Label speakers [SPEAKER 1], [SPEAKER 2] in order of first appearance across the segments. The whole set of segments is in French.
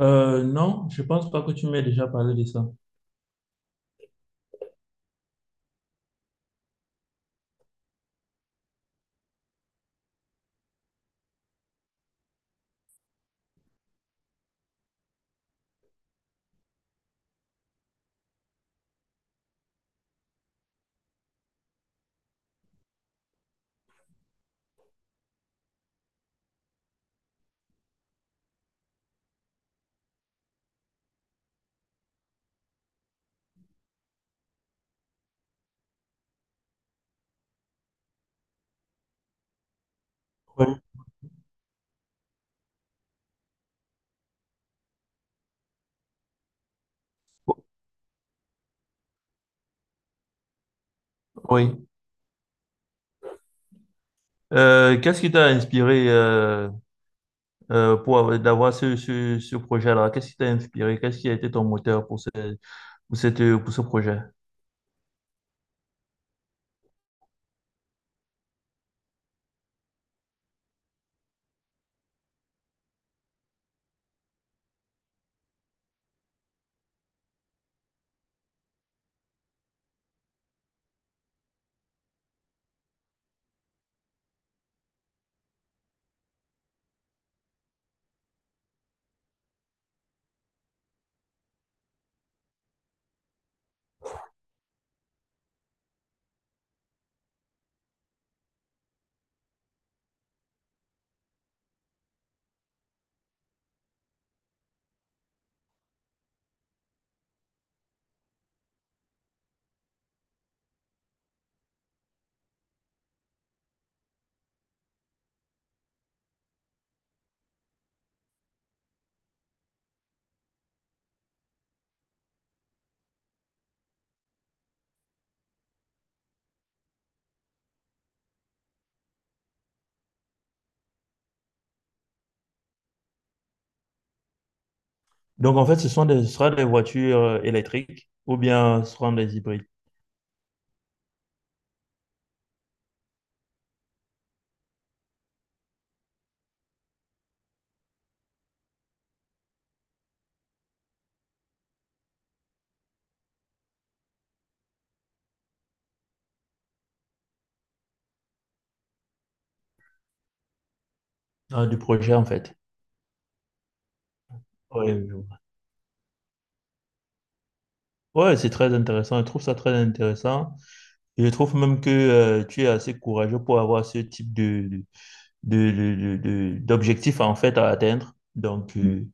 [SPEAKER 1] Non, je pense pas que tu m'aies déjà parlé de ça. Oui. Oui. Qu'est-ce qui t'a inspiré d'avoir ce projet-là? Qu'est-ce qui t'a inspiré? Qu'est-ce qui a été ton moteur pour ce projet? Donc, en fait, ce sera des voitures électriques ou bien ce seront des hybrides. Ah, du projet, en fait. Ouais, je vois. Ouais, c'est très intéressant. Je trouve ça très intéressant. Et je trouve même que tu es assez courageux pour avoir ce type d'objectif, en fait, à atteindre. Donc, Mm.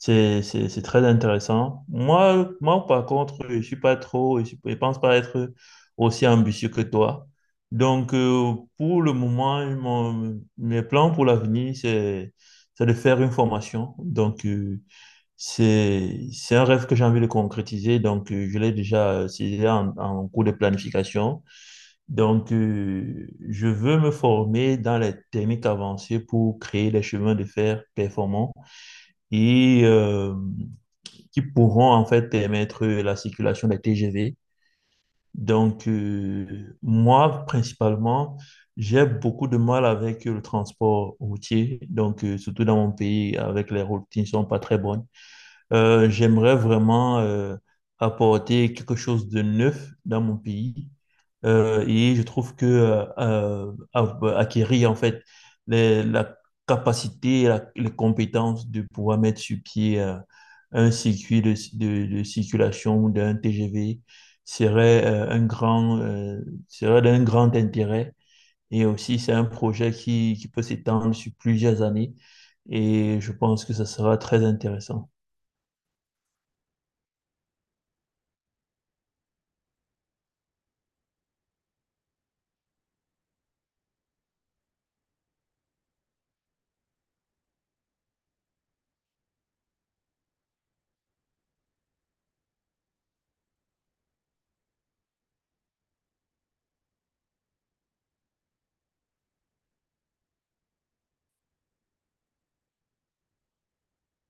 [SPEAKER 1] C'est très intéressant. Moi, par contre, je pense pas être aussi ambitieux que toi. Donc, pour le moment, mes plans pour l'avenir, c'est de faire une formation. Donc, c'est un rêve que j'ai envie de concrétiser. Donc, je l'ai déjà, c'est déjà en cours de planification. Donc, je veux me former dans les techniques avancées pour créer des chemins de fer performants. Et qui pourront en fait permettre la circulation des TGV. Donc, moi, principalement, j'ai beaucoup de mal avec le transport routier, donc surtout dans mon pays, avec les routes qui ne sont pas très bonnes. J'aimerais vraiment apporter quelque chose de neuf dans mon pays. Et je trouve que bah, acquérir en fait la capacité, les compétences de pouvoir mettre sur pied un circuit de circulation ou d'un TGV serait un grand serait d'un grand intérêt. Et aussi, c'est un projet qui peut s'étendre sur plusieurs années. Et je pense que ça sera très intéressant.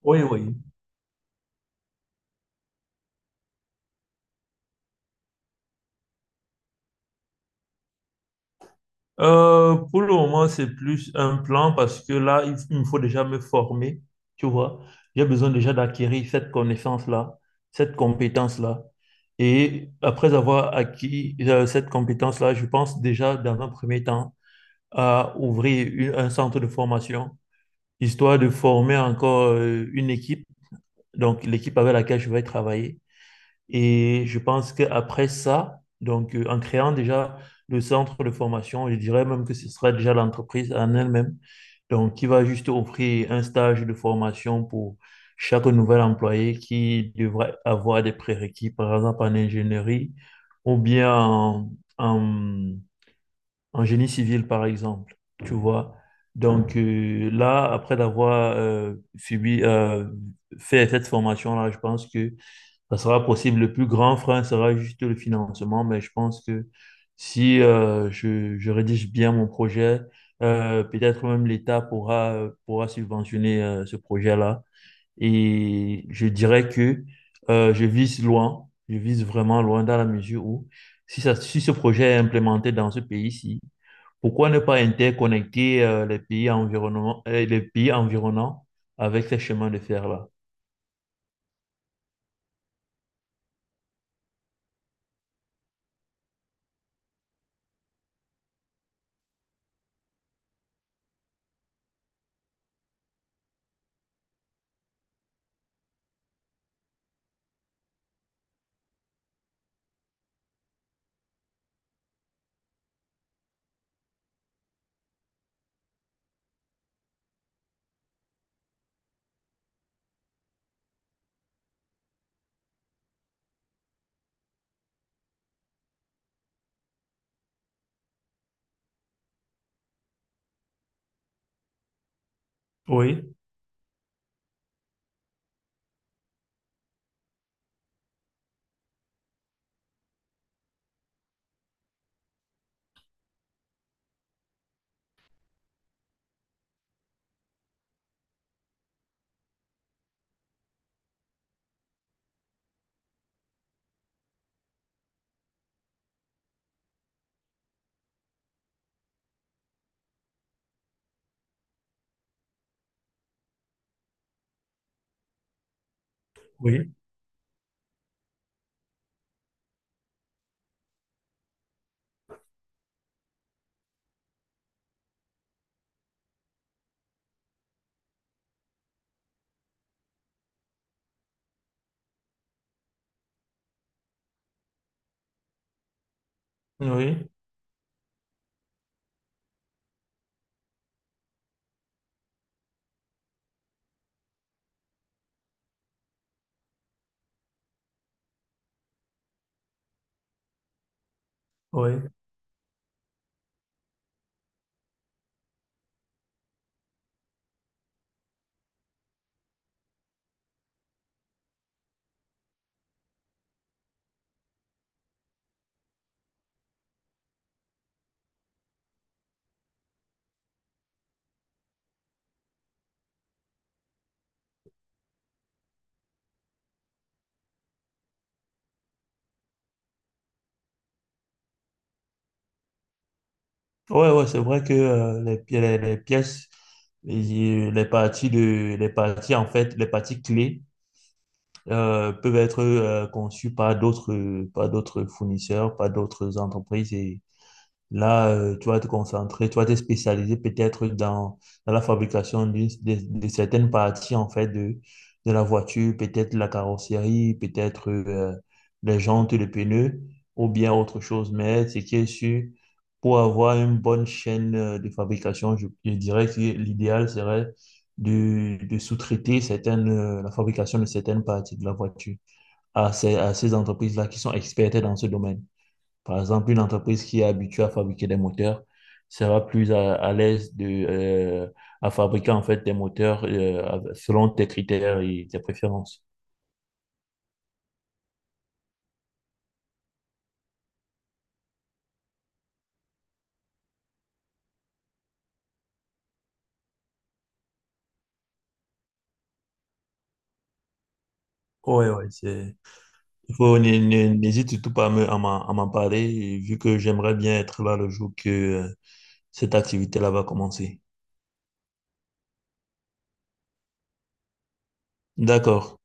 [SPEAKER 1] Oui, oui. Pour le moment, c'est plus un plan parce que là, il me faut déjà me former, tu vois. J'ai besoin déjà d'acquérir cette connaissance-là, cette compétence-là. Et après avoir acquis cette compétence-là, je pense déjà dans un premier temps à ouvrir un centre de formation, histoire de former encore une équipe, donc l'équipe avec laquelle je vais travailler et je pense qu'après ça, donc en créant déjà le centre de formation, je dirais même que ce sera déjà l'entreprise en elle-même, donc qui va juste offrir un stage de formation pour chaque nouvel employé qui devrait avoir des prérequis, par exemple en ingénierie ou bien en, en génie civil, par exemple, tu vois. Donc là, fait cette formation-là, je pense que ça sera possible. Le plus grand frein sera juste le financement, mais je pense que si je rédige bien mon projet, peut-être même l'État pourra subventionner ce projet-là. Et je dirais que je vise loin, je vise vraiment loin dans la mesure où si ce projet est implémenté dans ce pays-ci, pourquoi ne pas interconnecter les pays environnants avec ces chemins de fer-là? Oui, oui, oui, oui. Ouais, ouais, c'est vrai que les pièces, les parties de, les parties en fait, les parties clés peuvent être conçues par d'autres fournisseurs, par d'autres entreprises. Là, tu vas te concentrer, tu vas te spécialiser peut-être dans, dans la fabrication de certaines parties en fait de la voiture, peut-être la carrosserie, peut-être les jantes, les pneus ou bien autre chose. Mais ce qui est sûr, pour avoir une bonne chaîne de fabrication, je dirais que l'idéal serait de sous-traiter certaines, la fabrication de certaines parties de la voiture à à ces entreprises-là qui sont expertes dans ce domaine. Par exemple, une entreprise qui est habituée à fabriquer des moteurs sera plus à l'aise à fabriquer en fait des moteurs selon tes critères et tes préférences. Ouais, ouais, c'est... Il faut, n'hé- n'hé- N'hésite surtout pas à m'en à m'en parler, et vu que j'aimerais bien être là le jour que cette activité-là va commencer. D'accord.